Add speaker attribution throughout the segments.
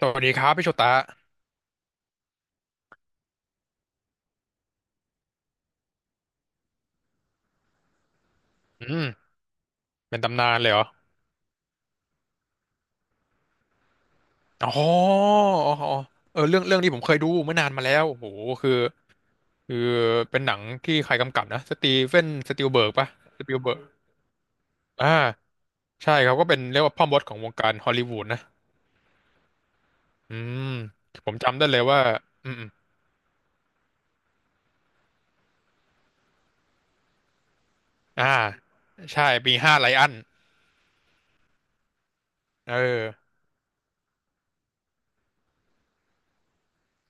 Speaker 1: สวัสดีครับพี่โชตะอืมเป็นตำนานเลยเหรออ๋ออ๋ออ๋อเออเรื่องนี้ผมเคยดูเมื่อนานมาแล้วโอ้โหคือคือเป็นหนังที่ใครกำกับนะ สตีเฟนสตีลเบิร์กปะสตีลเบิร์กอ่าใช่ครับก็เป็นเรียกว่าพ่อมดของวงการฮอลลีวูดนะอืมผมจำได้เลยว่าอืมออ่าใช่ปีห้าไลออนเออ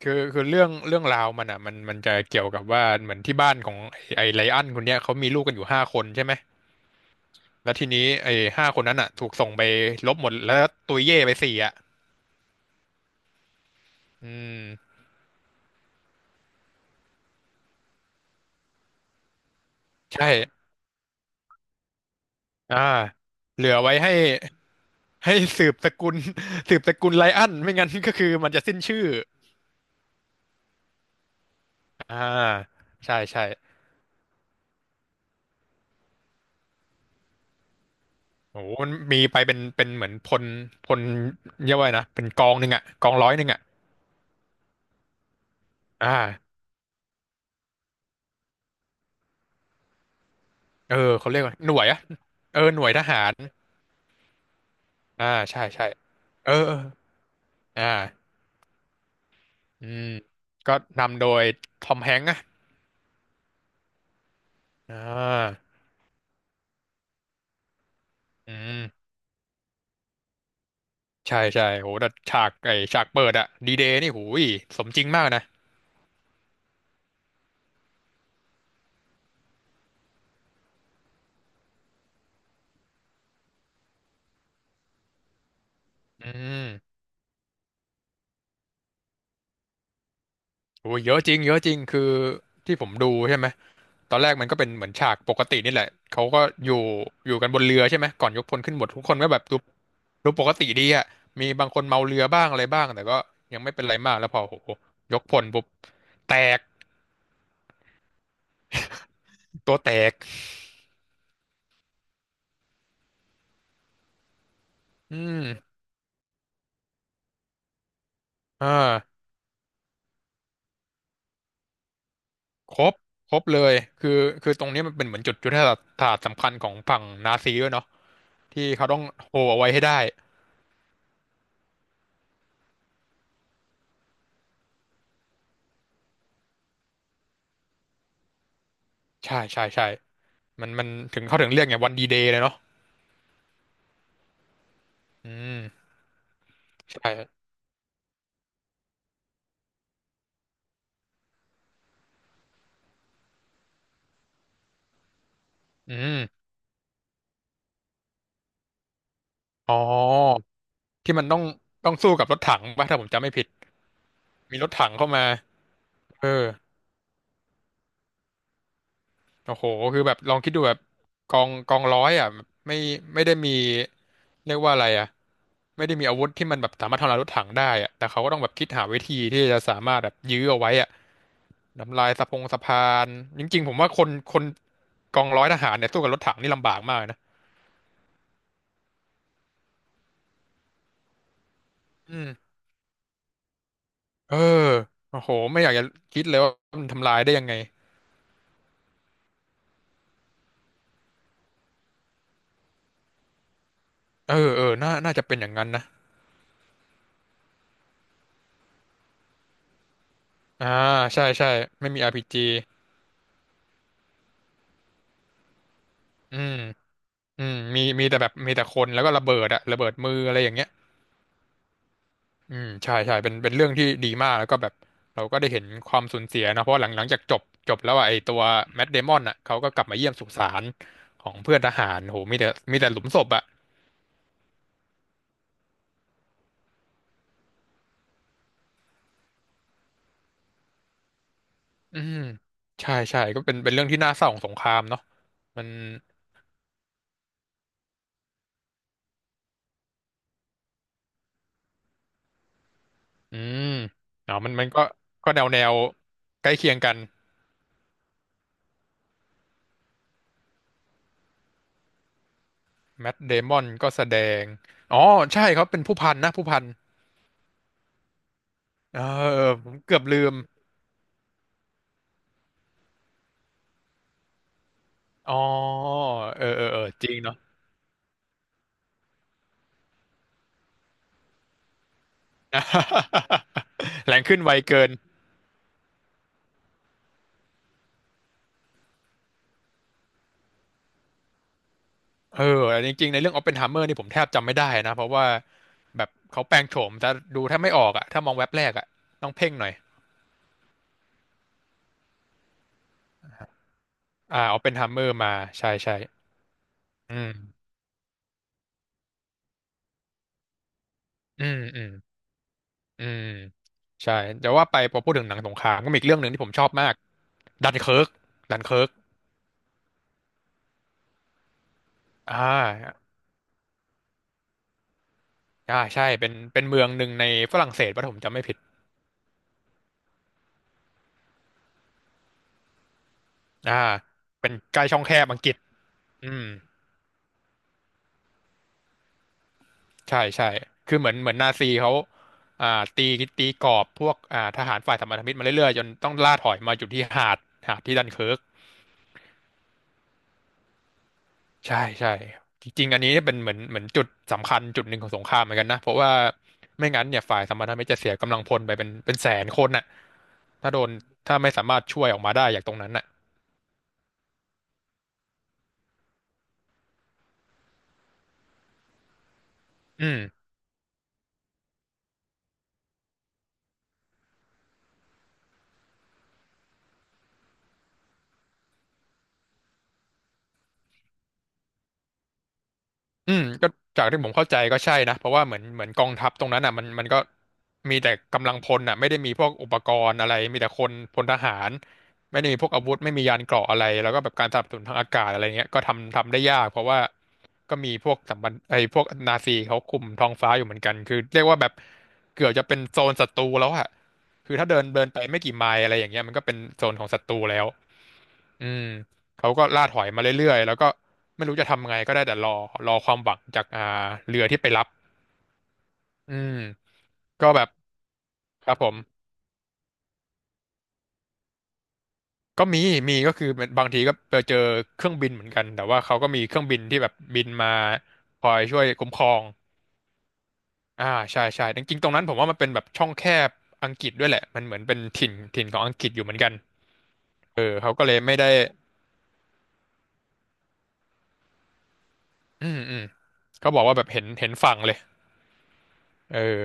Speaker 1: คือเรื่องราวมันอ่ะมันจะเกี่ยวกับว่าเหมือนที่บ้านของไอ้ไลออนคนเนี้ยเขามีลูกกันอยู่ห้าคนใช่ไหม แล้วทีนี้ไอ้ห้าคนนั้นอ่ะถูกส่งไปลบหมดแล้วตุยเย่ไปสี่อ่ะอืมใช่อ่าเหลือไว้ให้สืบสกุล สืบสกุลไลอันไม่งั้น ก็คือมันจะสิ้นชื่ออ่าใช่ใช่โอ้โหมันมีไปเป็นเหมือนพลเรียกว่าไงนะเป็นกองหนึ่งอ่ะกองร้อยหนึ่งอ่ะอ่าเออเขาเรียกว่าหน่วยอ่ะเออหน่วยทหารอ่าใช่ใช่เออเอออ่าอืมก็นำโดยทอมแฮงค์อ่ะอ่าอืม ใช่ใช่โหแต่ฉากเปิดอะดีเดย์นี่หูยสมจริงมากนะอืมโอ้ยเยอะจริงเยอะจริงคือที่ผมดูใช่ไหมตอนแรกมันก็เป็นเหมือนฉากปกตินี่แหละเขาก็อยู่อยู่กันบนเรือใช่ไหมก่อนยกพลขึ้นหมดทุกคนก็แบบดูปกติดีอะมีบางคนเมาเรือบ้างอะไรบ้างแต่ก็ยังไม่เป็นไรมากแล้วพอโอ้โหยกพลปุ๊บแตกตัวแตกอืมอ่าครบครบเลยคือคือตรงนี้มันเป็นเหมือนจุดยุทธศาสตร์สำคัญของฝั่งนาซีด้วยเนาะ ที่เขาต้องโฮเอาไว้ให้ได้ใช่ใช่ใช่มันถึงเขาถึงเรียกไงวันดีเดย์เลยเนาะอืมใช่อืมอ๋อที่มันต้องสู้กับรถถังป่ะถ้าผมจำไม่ผิดมีรถถังเข้ามาเออโอ้โหคือแบบลองคิดดูแบบกองร้อยอ่ะแบบไม่ได้มีเรียกว่าอะไรอ่ะไม่ได้มีอาวุธที่มันแบบสามารถทำลายรถถังได้อ่ะแต่เขาก็ต้องแบบคิดหาวิธีที่จะสามารถแบบยื้อเอาไว้อ่ะ ทำลายสะพงสะพานจริงๆผมว่าคนกองร้อยทหารเนี่ยสู้กับรถถังนี่ลำบากมากนะอืมเออโอ้โหไม่อยากจะคิดเลยว่ามันทำลายได้ยังไงเออเออน่าจะเป็นอย่างนั้นนะอ่าใช่ใช่ไม่มี RPG อืมอืมมีแต่แบบมีแต่คนแล้วก็ระเบิดอะระเบิดมืออะไรอย่างเงี้ยอืมใช่ใช่เป็นเรื่องที่ดีมากแล้วก็แบบเราก็ได้เห็นความสูญเสียนะเพราะหลังจากจบแล้วอะไอตัวแมทเดมอนอะเขาก็กลับมาเยี่ยมสุสานของเพื่อนทหารโหมีแต่หลุมศพอะ อืมใช่ใช่ก็เป็นเรื่องที่น่าเศร้าของสงครามเนาะมันอืมอ๋อะมันมันก็ก็แนวใกล้เคียงกันแมทเดมอนก็แสดงอ๋อใช่เขาเป็นผู้พันนะผู้พันเออเออผมเกือบลืมอ๋อเออเออเออจริงเนาะ แรงขึ้นไวเกินเออจริงๆในเรื่องอ p ปเพนไฮเมอร์นี่ผมแทบจำไม่ได้นะเพราะว่าแบบเขาแปลงโฉมจะดูแทบไม่ออกอะถ้ามองแว็บแรกอะต้องเพ่งหน่อยอ่าออปเพนไฮเมอร์มาใช่ใช่อืม อืมอืมอืมใช่แต่ว่าไปพอพูดถึงหนังสงครามก็มีอีกเรื่องหนึ่งที่ผมชอบมากดันเคิร์กดันเคิร์กอ่าอ่าใช่เป็นเมืองหนึ่งในฝรั่งเศสป่ะถ้าผมจำไม่ผิดอ่าเป็นใกล้ช่องแคบอังกฤษอืมใช่ใช่คือเหมือนนาซีเขาอ่าตีตีกรอบพวกอ่าทหารฝ่ายสัมพันธมิตรมาเรื่อยๆจนต้องล่าถอยมาอยู่ที่หาดที่ดันเคิร์ก ใช่ใช่จริงๆอันนี้เป็นเหมือนจุดสำคัญจุดหนึ่งของสงครามเหมือนกันนะเพราะว่าไม่งั้นเนี่ยฝ่ายสัมพันธมิตรจะเสียกำลังพลไปเป็นแสนคนน่ะถ้าโดนถ้าไม่สามารถช่วยออกมาได้จากตรงนั้นน่ะอืม อืมก็จากที่ผมเข้าใจก็ใช่นะเพราะว่าเหมือนกองทัพตรงนั้นอ่ะมันก็มีแต่กำลังพลอ่ะไม่ได้มีพวกอุปกรณ์อะไรมีแต่คนพลทหารไม่ได้มีพวกอาวุธไม่มียานเกราะอะไรแล้วก็แบบการสนับสนุนทางอากาศอะไรเงี้ยก็ทำได้ยากเพราะว่าก็มีพวกสัมบันไอ้พวกนาซีเขาคุมท้องฟ้าอยู่เหมือนกันคือเรียกว่าแบบเกือบจะเป็นโซนศัตรูแล้วอ่ะคือถ้าเดินเดินไปไม่กี่ไมล์อะไรอย่างเงี้ยมันก็เป็นโซนของศัตรูแล้ว อืมเขาก็ล่าถอยมาเรื่อยๆแล้วก็ไม่รู้จะทำไงก็ได้แต่รอรอความหวังจากเรือที่ไปรับอืมก็แบบครับผมก็มีมีก็คือเป็นบางทีก็ไปเจอเครื่องบินเหมือนกันแต่ว่าเขาก็มีเครื่องบินที่แบบบินมาคอยช่วยคุ้มครองอ่าใช่ใช่จริงๆตรงนั้นผมว่ามันเป็นแบบช่องแคบอังกฤษด้วยแหละมันเหมือนเป็นถิ่นของอังกฤษอยู่เหมือนกันเออเขาก็เลยไม่ได้อืมอืมเขาบอกว่าแบบเห็นเห็นฝั่งเลยเออ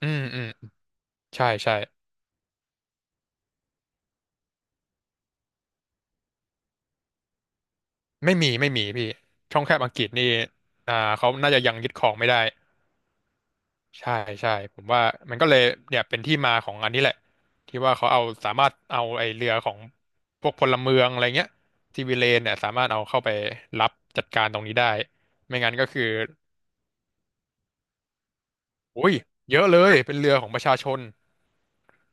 Speaker 1: อืมอืมใช่ใช่ ไม่มีไม่มีพี่ช่องแคบอังกฤษนี่อ่าเขาน่าจะยังยึดครองไม่ได้ใช่ใช่ผมว่ามันก็เลยเนี่ยเป็นที่มาของอันนี้แหละที่ว่าเขาเอาสามารถเอาไอเรือของพวกพลเมืองอะไรเงี้ยซีวิเลนเนี่ยสามารถเอาเข้าไปรับจัดการตรงนี้ได้ไม่งั้นก็คืออุ้ยเยอะเลยเป็นเรือของประชาชน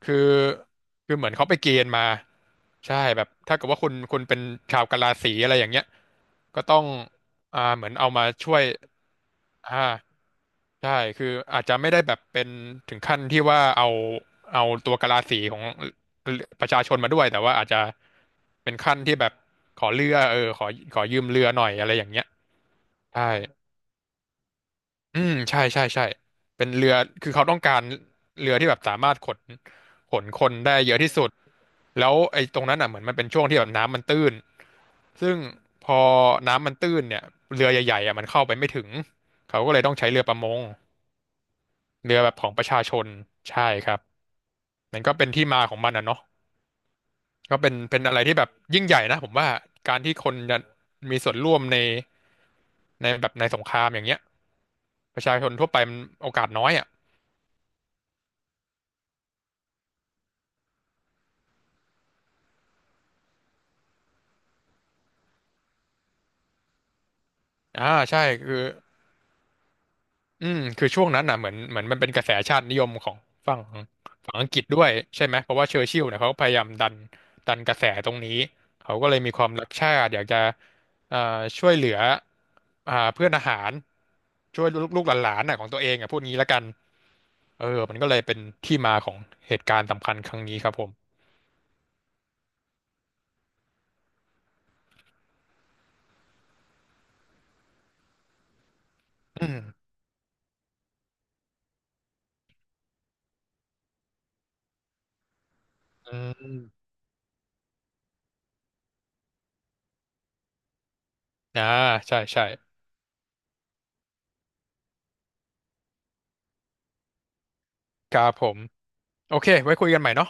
Speaker 1: คือคือเหมือนเขาไปเกณฑ์มาใช่แบบถ้าเกิดว่าคุณเป็นชาวกะลาสีอะไรอย่างเงี้ยก็ต้องอ่าเหมือนเอามาช่วยอ่าใช่คืออาจจะไม่ได้แบบเป็นถึงขั้นที่ว่าเอาเอาตัวกะลาสีของประชาชนมาด้วยแต่ว่าอาจจะเป็นขั้นที่แบบขอเรือเออขอขอยืมเรือหน่อยอะไรอย่างเงี้ยใช่ อืมใช่ใช่ใช่เป็นเรือคือเขาต้องการเรือที่แบบสามารถขนคนได้เยอะที่สุดแล้วไอ้ตรงนั้นอ่ะเหมือนมันเป็นช่วงที่แบบน้ำมันตื้นซึ่งพอน้ำมันตื้นเนี่ยเรือใหญ่ๆอ่ะมันเข้าไปไม่ถึงเขาก็เลยต้องใช้เรือประมงเรือแบบของประชาชนใช่ครับมันก็เป็นที่มาของมันอ่ะเนาะก็เป็นเป็นอะไรที่แบบยิ่งใหญ่นะผมว่าการที่คนจะมีส่วนร่วมในในแบบในสงครามอย่างเงี้ยประชาชนทั่วไปมันโอกาสน้อยอ่ะอ่าใช่คือ อืมคือช่วงนั้นน่ะเหมือนมันเป็นกระแสชาตินิยมของฝั่งฝั่งอังกฤษด้วยใช่ไหมเพราะว่าเชอร์ชิลล์เนี่ยเขาก็พยายามดันกระแสตรงนี้เขาก็เลยมีความรักชาติอยากจะเอ่อช่วยเหลืออ่าเพื่อนทหารช่วยลูกลูกหลานๆน่ะของตัวเองอ่ะพูดงี้ละกันเออมันก็เลยเป็นที่มาของเหตุการณ์สำคัญครั้งนี้ครับผมอืมอืมอ่าใช่ใช่ครับผมโอเคไว้คุยกันใหม่เนาะ